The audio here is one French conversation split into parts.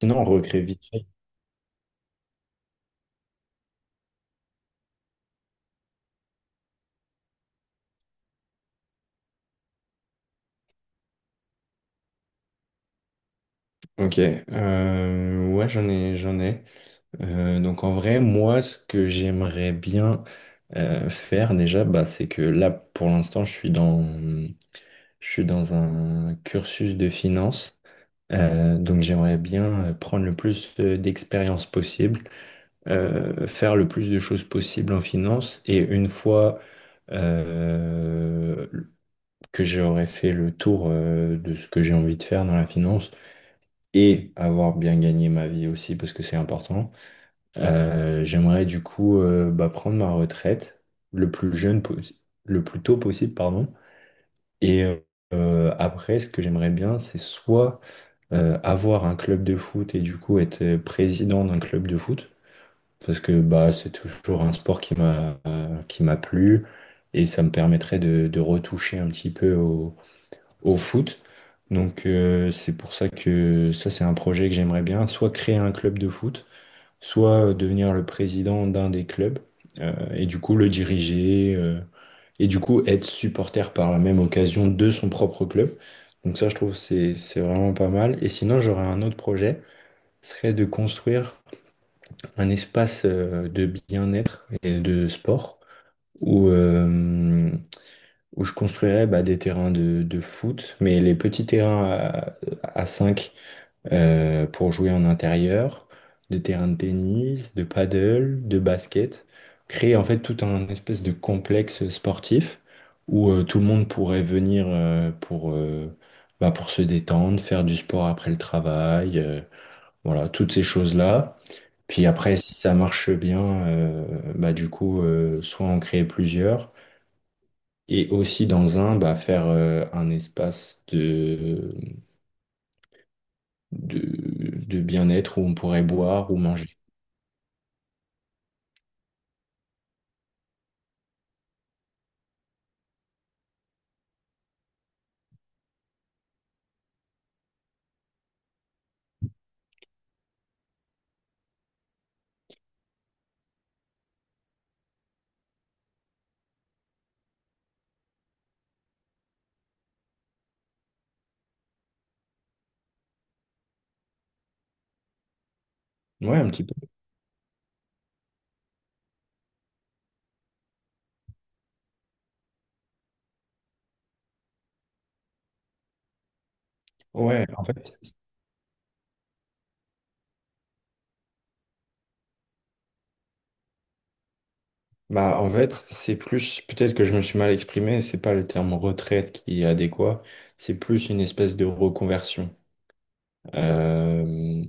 Sinon, on recrée vite fait. Ok, ouais, j'en ai. Donc en vrai, moi, ce que j'aimerais bien faire déjà, bah, c'est que là, pour l'instant, je suis dans un cursus de finance. Donc j'aimerais bien prendre le plus d'expérience possible, faire le plus de choses possibles en finance. Et une fois euh, que j'aurai fait le tour de ce que j'ai envie de faire dans la finance, et avoir bien gagné ma vie aussi, parce que c'est important, j'aimerais du coup bah, prendre ma retraite le plus jeune, possi- le plus tôt possible, pardon. Et après, ce que j'aimerais bien, c'est soit avoir un club de foot et du coup être président d'un club de foot, parce que bah, c'est toujours un sport qui m'a plu. Et ça me permettrait de retoucher un petit peu au, au foot. Donc c'est pour ça que ça c'est un projet que j'aimerais bien, soit créer un club de foot, soit devenir le président d'un des clubs et du coup le diriger et du coup être supporter par la même occasion de son propre club. Donc ça je trouve que c'est vraiment pas mal. Et sinon j'aurais un autre projet, ce serait de construire un espace de bien-être et de sport où, euh, où je construirais bah, des terrains de foot, mais les petits terrains à, 5 pour jouer en intérieur, des terrains de tennis, de paddle, de basket, créer en fait tout un espèce de complexe sportif où tout le monde pourrait venir bah, pour se détendre, faire du sport après le travail, voilà, toutes ces choses-là. Puis après, si ça marche bien, bah, du coup, soit en créer plusieurs et aussi dans un, bah, faire un espace de, de bien-être où on pourrait boire ou manger. Ouais, un petit peu. Ouais, en fait, bah, en fait, c'est plus, peut-être que je me suis mal exprimé, c'est pas le terme retraite qui est adéquat, c'est plus une espèce de reconversion. Euh,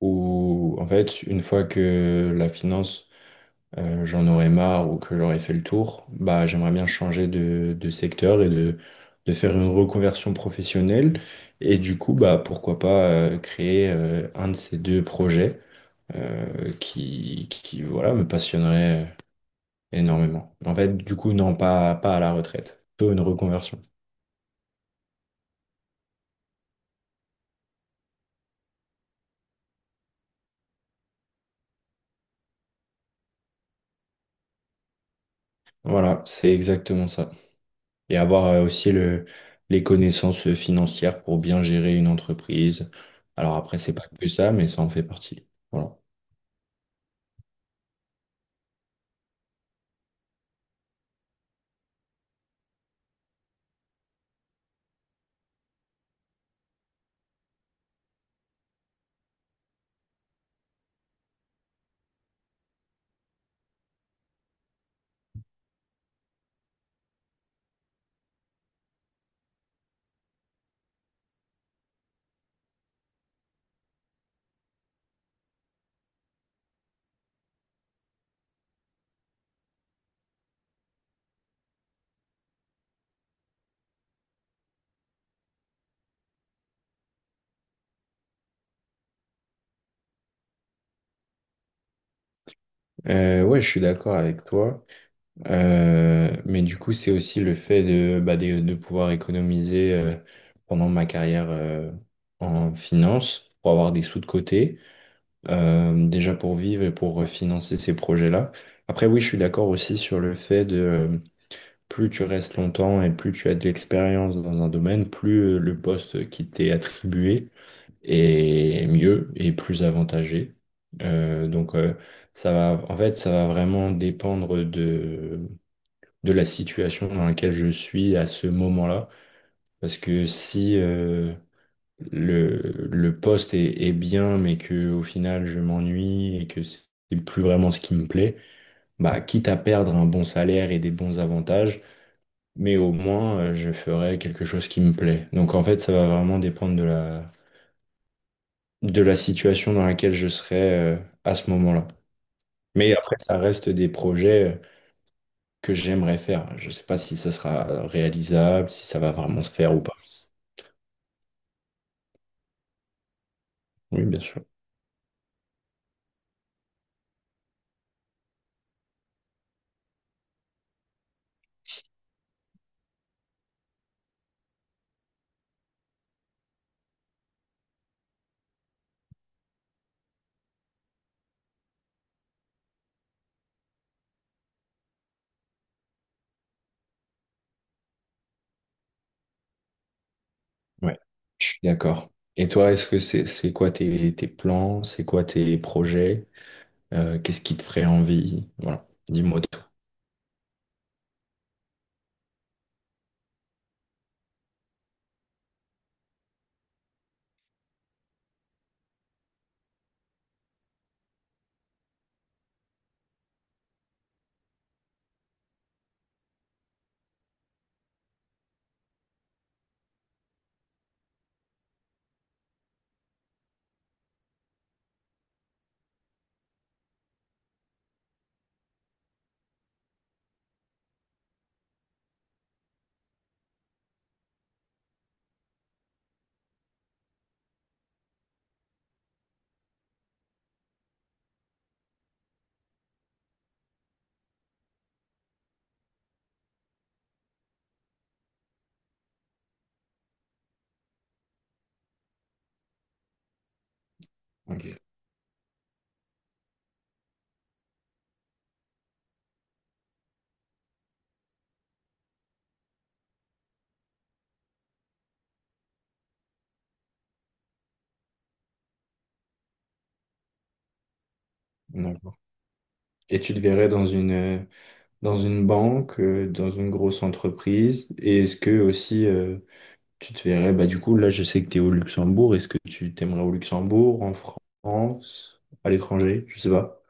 Où, en fait, une fois que la finance j'en aurais marre ou que j'aurais fait le tour, bah, j'aimerais bien changer de secteur de faire une reconversion professionnelle. Et du coup, bah, pourquoi pas créer un de ces deux projets voilà, me passionnerait énormément. En fait, du coup, non, pas à la retraite, plutôt une reconversion. Voilà, c'est exactement ça. Et avoir aussi le, les connaissances financières pour bien gérer une entreprise. Alors après, c'est pas que ça, mais ça en fait partie. Voilà. Ouais, je suis d'accord avec toi. Mais du coup, c'est aussi le fait de, bah, de pouvoir économiser pendant ma carrière en finance pour avoir des sous de côté, déjà pour vivre et pour financer ces projets-là. Après, oui, je suis d'accord aussi sur le fait de plus tu restes longtemps et plus tu as de l'expérience dans un domaine, plus le poste qui t'est attribué et mieux et plus avantagé. Donc ça va, en fait, ça va vraiment dépendre de la situation dans laquelle je suis à ce moment-là. Parce que si le, le poste est, est bien, mais que au final je m'ennuie et que c'est plus vraiment ce qui me plaît, bah quitte à perdre un bon salaire et des bons avantages, mais au moins je ferai quelque chose qui me plaît. Donc en fait, ça va vraiment dépendre de la situation dans laquelle je serais à ce moment-là. Mais après, ça reste des projets que j'aimerais faire. Je ne sais pas si ça sera réalisable, si ça va vraiment se faire ou pas. Oui, bien sûr. Ouais, je suis d'accord. Et toi, est-ce que c'est quoi tes, tes plans? C'est quoi tes projets? Qu'est-ce qui te ferait envie? Voilà, dis-moi tout. Ok, d'accord. Et tu te verrais dans une banque, dans une grosse entreprise? Et est-ce que aussi tu te verrais, bah du coup, là, je sais que tu es au Luxembourg. Est-ce que tu t'aimerais au Luxembourg, en France, à l'étranger? Je sais pas.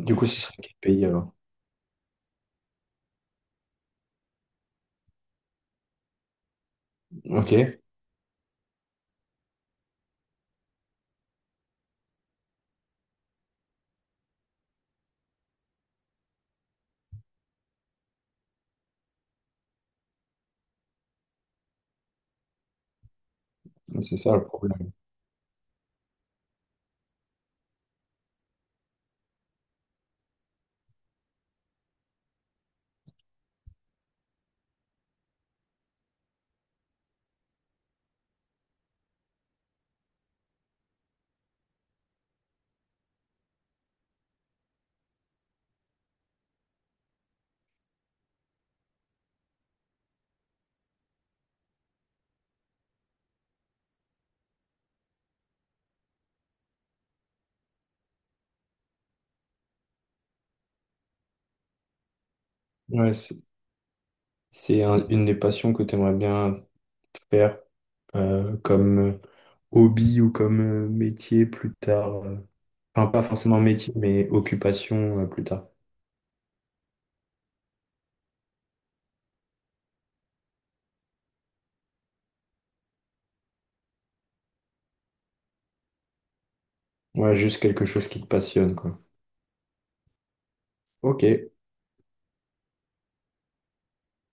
Du coup, ce serait quel pays alors? Ok, c'est ça le problème. Ouais, c'est une des passions que tu aimerais bien faire comme hobby ou comme métier plus tard. Enfin, pas forcément métier, mais occupation plus tard. Ouais, juste quelque chose qui te passionne, quoi. Ok.